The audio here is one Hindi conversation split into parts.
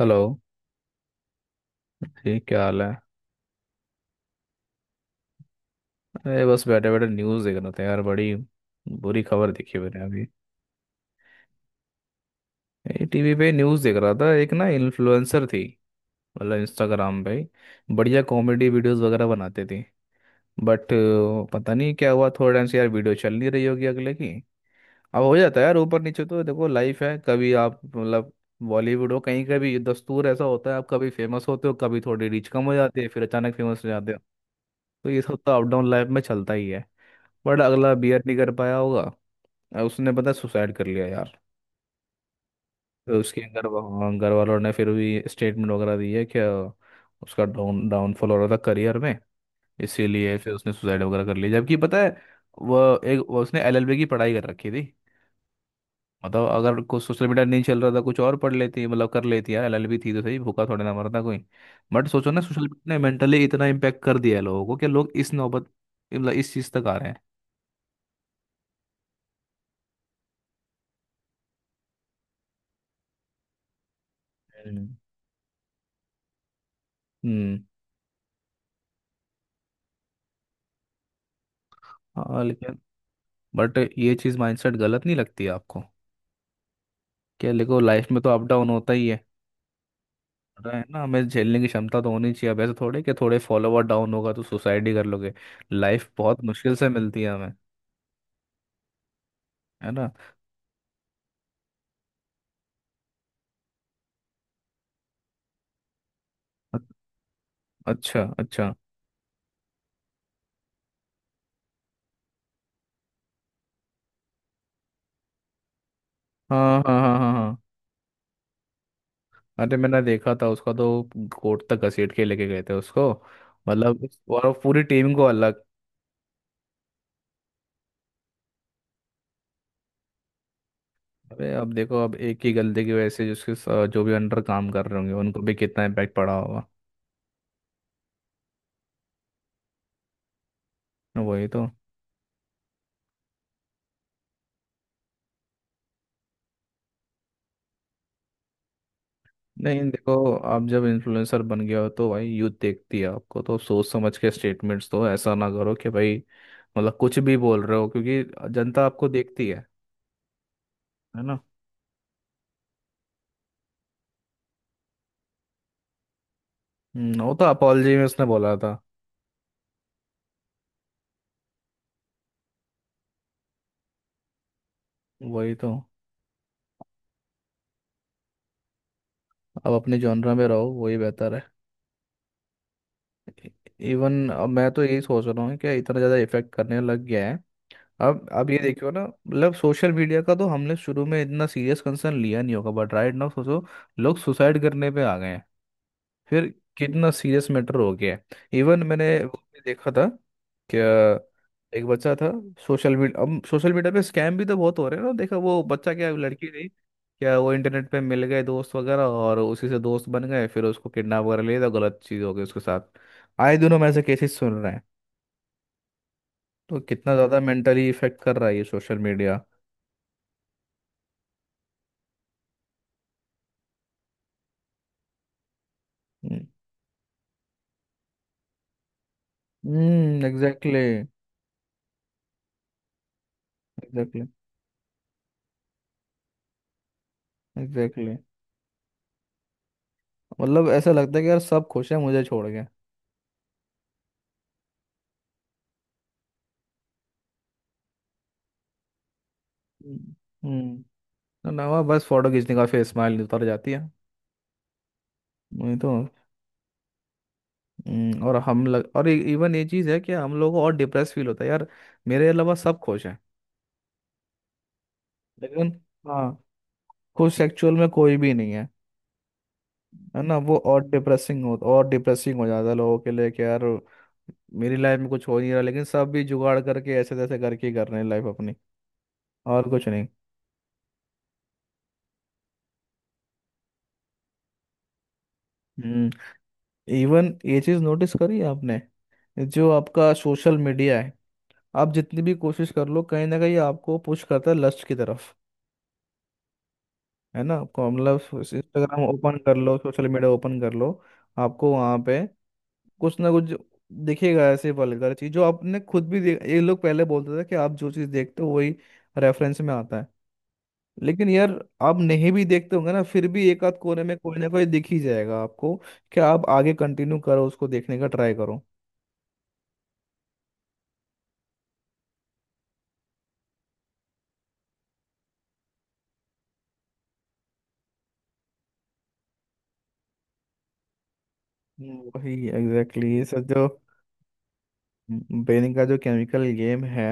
हेलो जी। क्या हाल है? अरे बस बैठे बैठे न्यूज़ देख रहा था यार। बड़ी बुरी खबर देखी मैंने अभी। ये टीवी पे न्यूज़ देख रहा था, एक ना इन्फ्लुएंसर थी, मतलब इंस्टाग्राम पे बढ़िया कॉमेडी वीडियोस वगैरह बनाती थी। बट पता नहीं क्या हुआ, थोड़े टाइम से यार वीडियो चल नहीं रही होगी अगले की। अब हो जाता है यार, ऊपर नीचे तो देखो, लाइफ है। कभी आप मतलब बॉलीवुड हो कहीं का भी, दस्तूर ऐसा होता है, आप कभी फेमस होते हो, कभी थोड़ी रीच कम हो जाती है, फिर अचानक फेमस हो जाते हो। तो ये सब तो अप डाउन लाइफ में चलता ही है। बट अगला बियर नहीं कर पाया होगा। उसने पता सुसाइड कर लिया यार। तो उसके हाँ, घर वालों ने फिर भी स्टेटमेंट वगैरह दी है कि उसका डाउनफॉल हो रहा था करियर में, इसीलिए फिर उसने सुसाइड वगैरह कर लिया। जबकि पता है वो एक वो उसने एलएलबी की पढ़ाई कर रखी थी। मतलब अगर कुछ सोशल मीडिया नहीं चल रहा था, कुछ और पढ़ लेती, मतलब कर लेती यार, एलएलबी थी तो सही, भूखा थोड़े ना मरता कोई। बट सोचो ना, सोशल मीडिया ने मेंटली इतना इम्पेक्ट कर दिया है लोगों को कि लोग इस नौबत, मतलब इस चीज़ तक आ रहे हैं। हम्म। हम्म। हाँ, लेकिन बट ये चीज़, माइंडसेट गलत नहीं लगती आपको? क्या, देखो लाइफ में तो अप डाउन होता ही है। पता है ना, हमें झेलने की क्षमता तो होनी चाहिए। अब ऐसे थोड़े कि थोड़े फॉलोवर डाउन होगा तो सुसाइड ही कर लोगे। लाइफ बहुत मुश्किल से मिलती है हमें। है ना? अ- अच्छा अच्छा। हाँ हाँ हाँ हाँ हाँ। अरे मैंने देखा था उसका तो। कोर्ट तक घसीट के लेके गए थे उसको। मतलब और पूरी टीम को अलग। अरे अब देखो, अब एक ही गलती की वजह से जो भी अंडर काम कर रहे होंगे उनको भी कितना इम्पैक्ट पड़ा होगा। वही तो। नहीं देखो, आप जब इन्फ्लुएंसर बन गया हो तो भाई, यूथ देखती है आपको, तो सोच समझ के स्टेटमेंट्स दो। ऐसा ना करो कि भाई मतलब कुछ भी बोल रहे हो, क्योंकि जनता आपको देखती है। है ना? वो तो अपॉलजी में उसने बोला था। वही तो। अब अपने जॉनरा में रहो, वही बेहतर है। इवन अब मैं तो यही सोच रहा हूँ कि इतना ज़्यादा इफेक्ट करने लग गया है। अब ये देखियो ना, मतलब सोशल मीडिया का तो हमने शुरू में इतना सीरियस कंसर्न लिया नहीं होगा, बट राइट नाउ सोचो, लोग सुसाइड करने पे आ गए हैं। फिर कितना सीरियस मैटर हो गया है। इवन मैंने वो भी देखा था, क्या, एक बच्चा था। सोशल मीडिया, अब सोशल मीडिया पे स्कैम भी तो बहुत हो रहे हैं ना। देखा, वो बच्चा क्या लड़की थी क्या, वो इंटरनेट पे मिल गए दोस्त वगैरह, और उसी से दोस्त बन गए, फिर उसको किडनैप वगैरह ले था, गलत चीज़ हो गई उसके साथ। आए दिनों हम ऐसे केसेस सुन रहे हैं। तो कितना ज़्यादा मेंटली इफेक्ट कर रहा है ये सोशल मीडिया। हम्म। एग्जैक्टली। एग्जैक्टली। एग्जैक्टली। मतलब ऐसा लगता है कि यार सब खुश है, मुझे छोड़ के। हम्म। हम्म। नवा बस फोटो खींचने का, फिर स्माइल उतर जाती है। नहीं तो। और हम लग और इवन ये चीज़ है कि हम लोगों को और डिप्रेस फील होता है यार, मेरे अलावा सब खुश हैं। लेकिन, हाँ, खुश एक्चुअल में कोई भी नहीं है। है ना? वो और डिप्रेसिंग, हो और डिप्रेसिंग हो जाता है लोगों के लिए कि यार मेरी लाइफ में कुछ हो नहीं रहा, लेकिन सब भी जुगाड़ करके ऐसे तैसे करके ही कर रहे हैं लाइफ अपनी, और कुछ नहीं। हम्म। इवन ये चीज़ नोटिस करी है आपने, जो आपका सोशल मीडिया है, आप जितनी भी कोशिश कर लो, कहीं ना कहीं आपको पुश करता है लस्ट की तरफ। है ना? आपको मतलब इंस्टाग्राम ओपन कर लो, सोशल मीडिया ओपन कर लो, आपको वहाँ पे कुछ ना कुछ दिखेगा ऐसे वल्गर चीज, जो आपने खुद भी देख, ये लोग पहले बोलते थे कि आप जो चीज़ देखते हो वही रेफरेंस में आता है, लेकिन यार आप नहीं भी देखते होंगे ना, फिर भी एक आध कोने में कोई ना कोई दिख ही जाएगा आपको, कि आप आगे कंटिन्यू करो, उसको देखने का ट्राई करो। वही, एग्जैक्टली exactly, ये सब जो ब्रेन का जो केमिकल गेम है,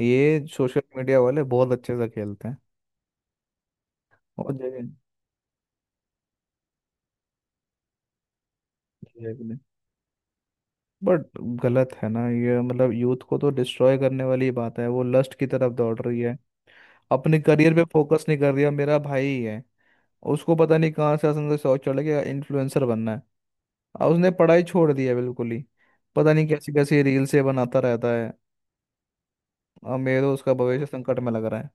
ये सोशल मीडिया वाले बहुत अच्छे से खेलते हैं। और बट गलत है ना ये, मतलब यूथ को तो डिस्ट्रॉय करने वाली ही बात है, वो लस्ट की तरफ दौड़ रही है, अपने करियर पे फोकस नहीं कर रही है। मेरा भाई ही है, उसको पता नहीं कहाँ से असन से शौक चढ़ गया, इन्फ्लुएंसर बनना है, और उसने पढ़ाई छोड़ दी है बिल्कुल ही। पता नहीं कैसी कैसी रील से बनाता रहता है, और मेरे तो उसका भविष्य संकट में लग रहा है।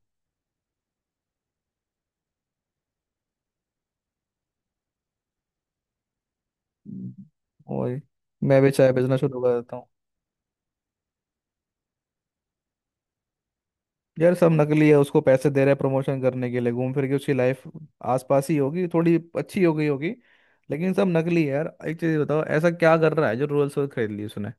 हम्म। वही, मैं भी चाय बेचना शुरू कर देता हूँ। यार सब नकली है, उसको पैसे दे रहे हैं प्रमोशन करने के लिए। घूम फिर के उसकी लाइफ आसपास ही होगी, थोड़ी अच्छी हो गई होगी, लेकिन सब नकली है यार। एक चीज बताओ, ऐसा क्या कर रहा है जो रोल्स रॉयस खरीद ली उसने?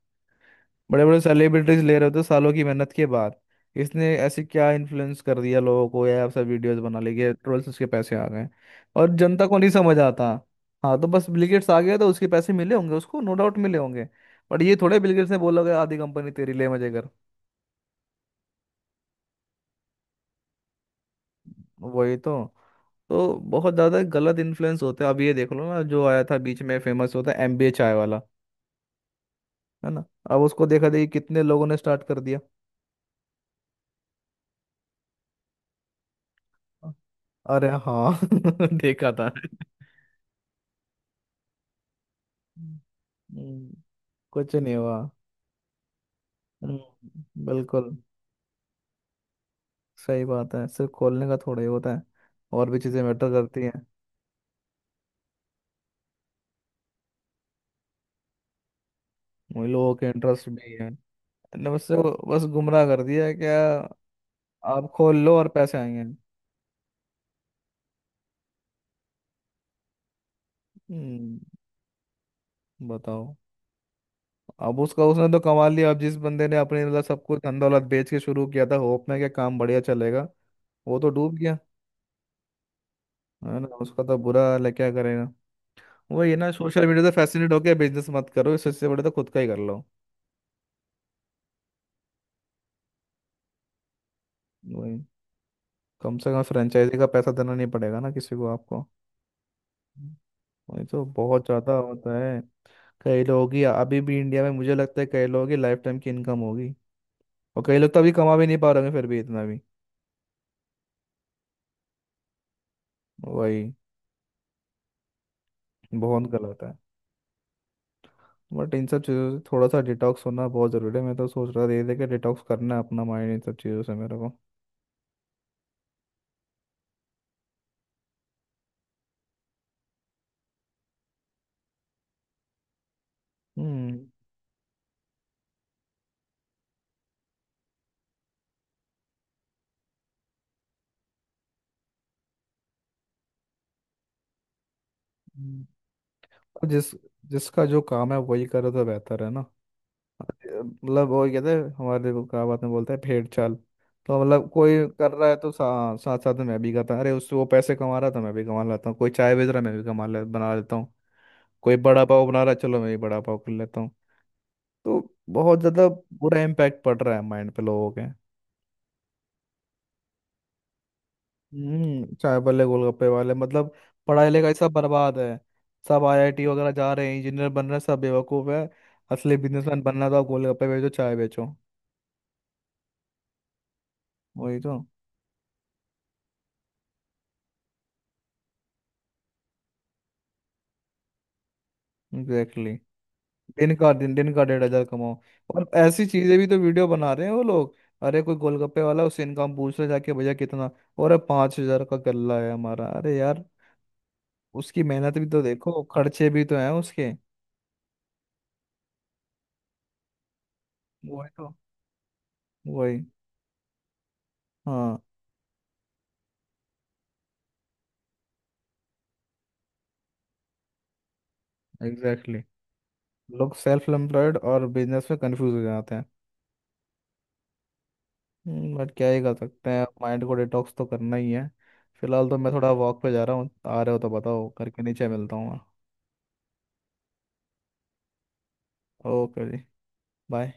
बड़े बड़े सेलिब्रिटीज ले रहे होते सालों की मेहनत के बाद, इसने ऐसे क्या इन्फ्लुएंस कर दिया लोगों को? या सब वीडियोस बना ली, गए रोल्स, उसके पैसे आ गए। और जनता को नहीं समझ आता। हाँ तो बस, बिल गेट्स आ गया तो उसके पैसे मिले होंगे उसको, नो डाउट मिले होंगे। बट ये थोड़े बिल गेट्स ने बोला होगा आधी कंपनी तेरी ले, मजे कर। वही तो। तो बहुत ज्यादा गलत इन्फ्लुएंस होते हैं। अब ये देख लो ना, जो आया था बीच में फेमस होता है, एमबीए चाय वाला। है ना? अब उसको देखा देखी कितने लोगों ने स्टार्ट कर दिया। अरे हाँ, देखा था। हम्म, कुछ नहीं हुआ। हम्म, बिल्कुल, सही बात है, सिर्फ खोलने का थोड़ा ही होता है, और भी चीजें मैटर करती हैं। वही, लोगों के इंटरेस्ट भी है, मतलब उससे वो बस गुमराह कर दिया है क्या, आप खोल लो और पैसे आएंगे। हम्म, बताओ। अब उसका, उसने तो कमा लिया, अब जिस बंदे ने अपने मतलब सब कुछ धन दौलत बेच के शुरू किया था होप में कि काम बढ़िया चलेगा, वो तो डूब गया। है ना? उसका तो बुरा हाल है, क्या करेगा? वही है ना, सोशल मीडिया से फैसिनेट होकर बिजनेस मत करो, इससे इससे बड़े तो खुद का ही कर लो। वही, कम से कम फ्रेंचाइजी का पैसा देना नहीं पड़ेगा ना किसी को आपको। वही तो, बहुत ज्यादा होता है। कई लोगों की, अभी भी इंडिया में मुझे लगता है कई लोगों की लाइफ टाइम की इनकम होगी, और कई लोग तो अभी कमा भी नहीं पा रहे होंगे फिर भी इतना भी। वही, बहुत गलत है। बट इन सब चीज़ों से थोड़ा सा डिटॉक्स होना बहुत ज़रूरी है। मैं तो सोच रहा धीरे धीरे के डिटॉक्स करना है अपना माइंड इन सब चीज़ों से मेरे को। हम्म। हम्म। तो जिसका जो काम है वही करे तो बेहतर है ना। मतलब वो कहते हैं हमारे वो, क्या बात में बोलते हैं, भेड़ चाल। तो मतलब कोई कर रहा है तो साथ साथ में मैं भी करता हूँ, अरे उससे वो पैसे कमा रहा था मैं भी कमा लेता हूँ, कोई चाय बेच रहा है मैं भी कमा ले बना लेता हूँ, कोई बड़ा पाव बना रहा है चलो मैं भी बड़ा पाव कर लेता हूँ। तो बहुत ज़्यादा बुरा इम्पैक्ट पड़ रहा है माइंड पे लोगों के। हम्म, चाय वाले, गोलगप्पे वाले, मतलब पढ़ाई लिखाई सब बर्बाद है। सब आईआईटी वगैरह जा रहे हैं, इंजीनियर बन रहे हैं, सब बेवकूफ है। असली बिजनेसमैन बनना तो आप गोलगप्पे बेचो, चाय बेचो। वही तो, एग्जैक्टली exactly. दिन का, दिन दिन का 1,500 कमाओ। और ऐसी चीजें भी तो वीडियो बना रहे हैं वो लोग। अरे कोई गोलगप्पे वाला, उससे इनकम पूछ रहे जाके, भैया कितना, और 5,000 का गल्ला है हमारा। अरे यार, उसकी मेहनत भी तो देखो, खर्चे भी तो हैं उसके। वही तो। वही। हाँ, एग्जैक्टली। लोग सेल्फ एम्प्लॉयड और बिजनेस में कंफ्यूज हो जाते हैं। बट क्या ही कर सकते हैं, माइंड को डिटॉक्स तो करना ही है। फिलहाल तो मैं थोड़ा वॉक पे जा रहा हूँ, आ रहे हो तो बताओ, घर के नीचे मिलता हूँ मैं। ओके जी, बाय।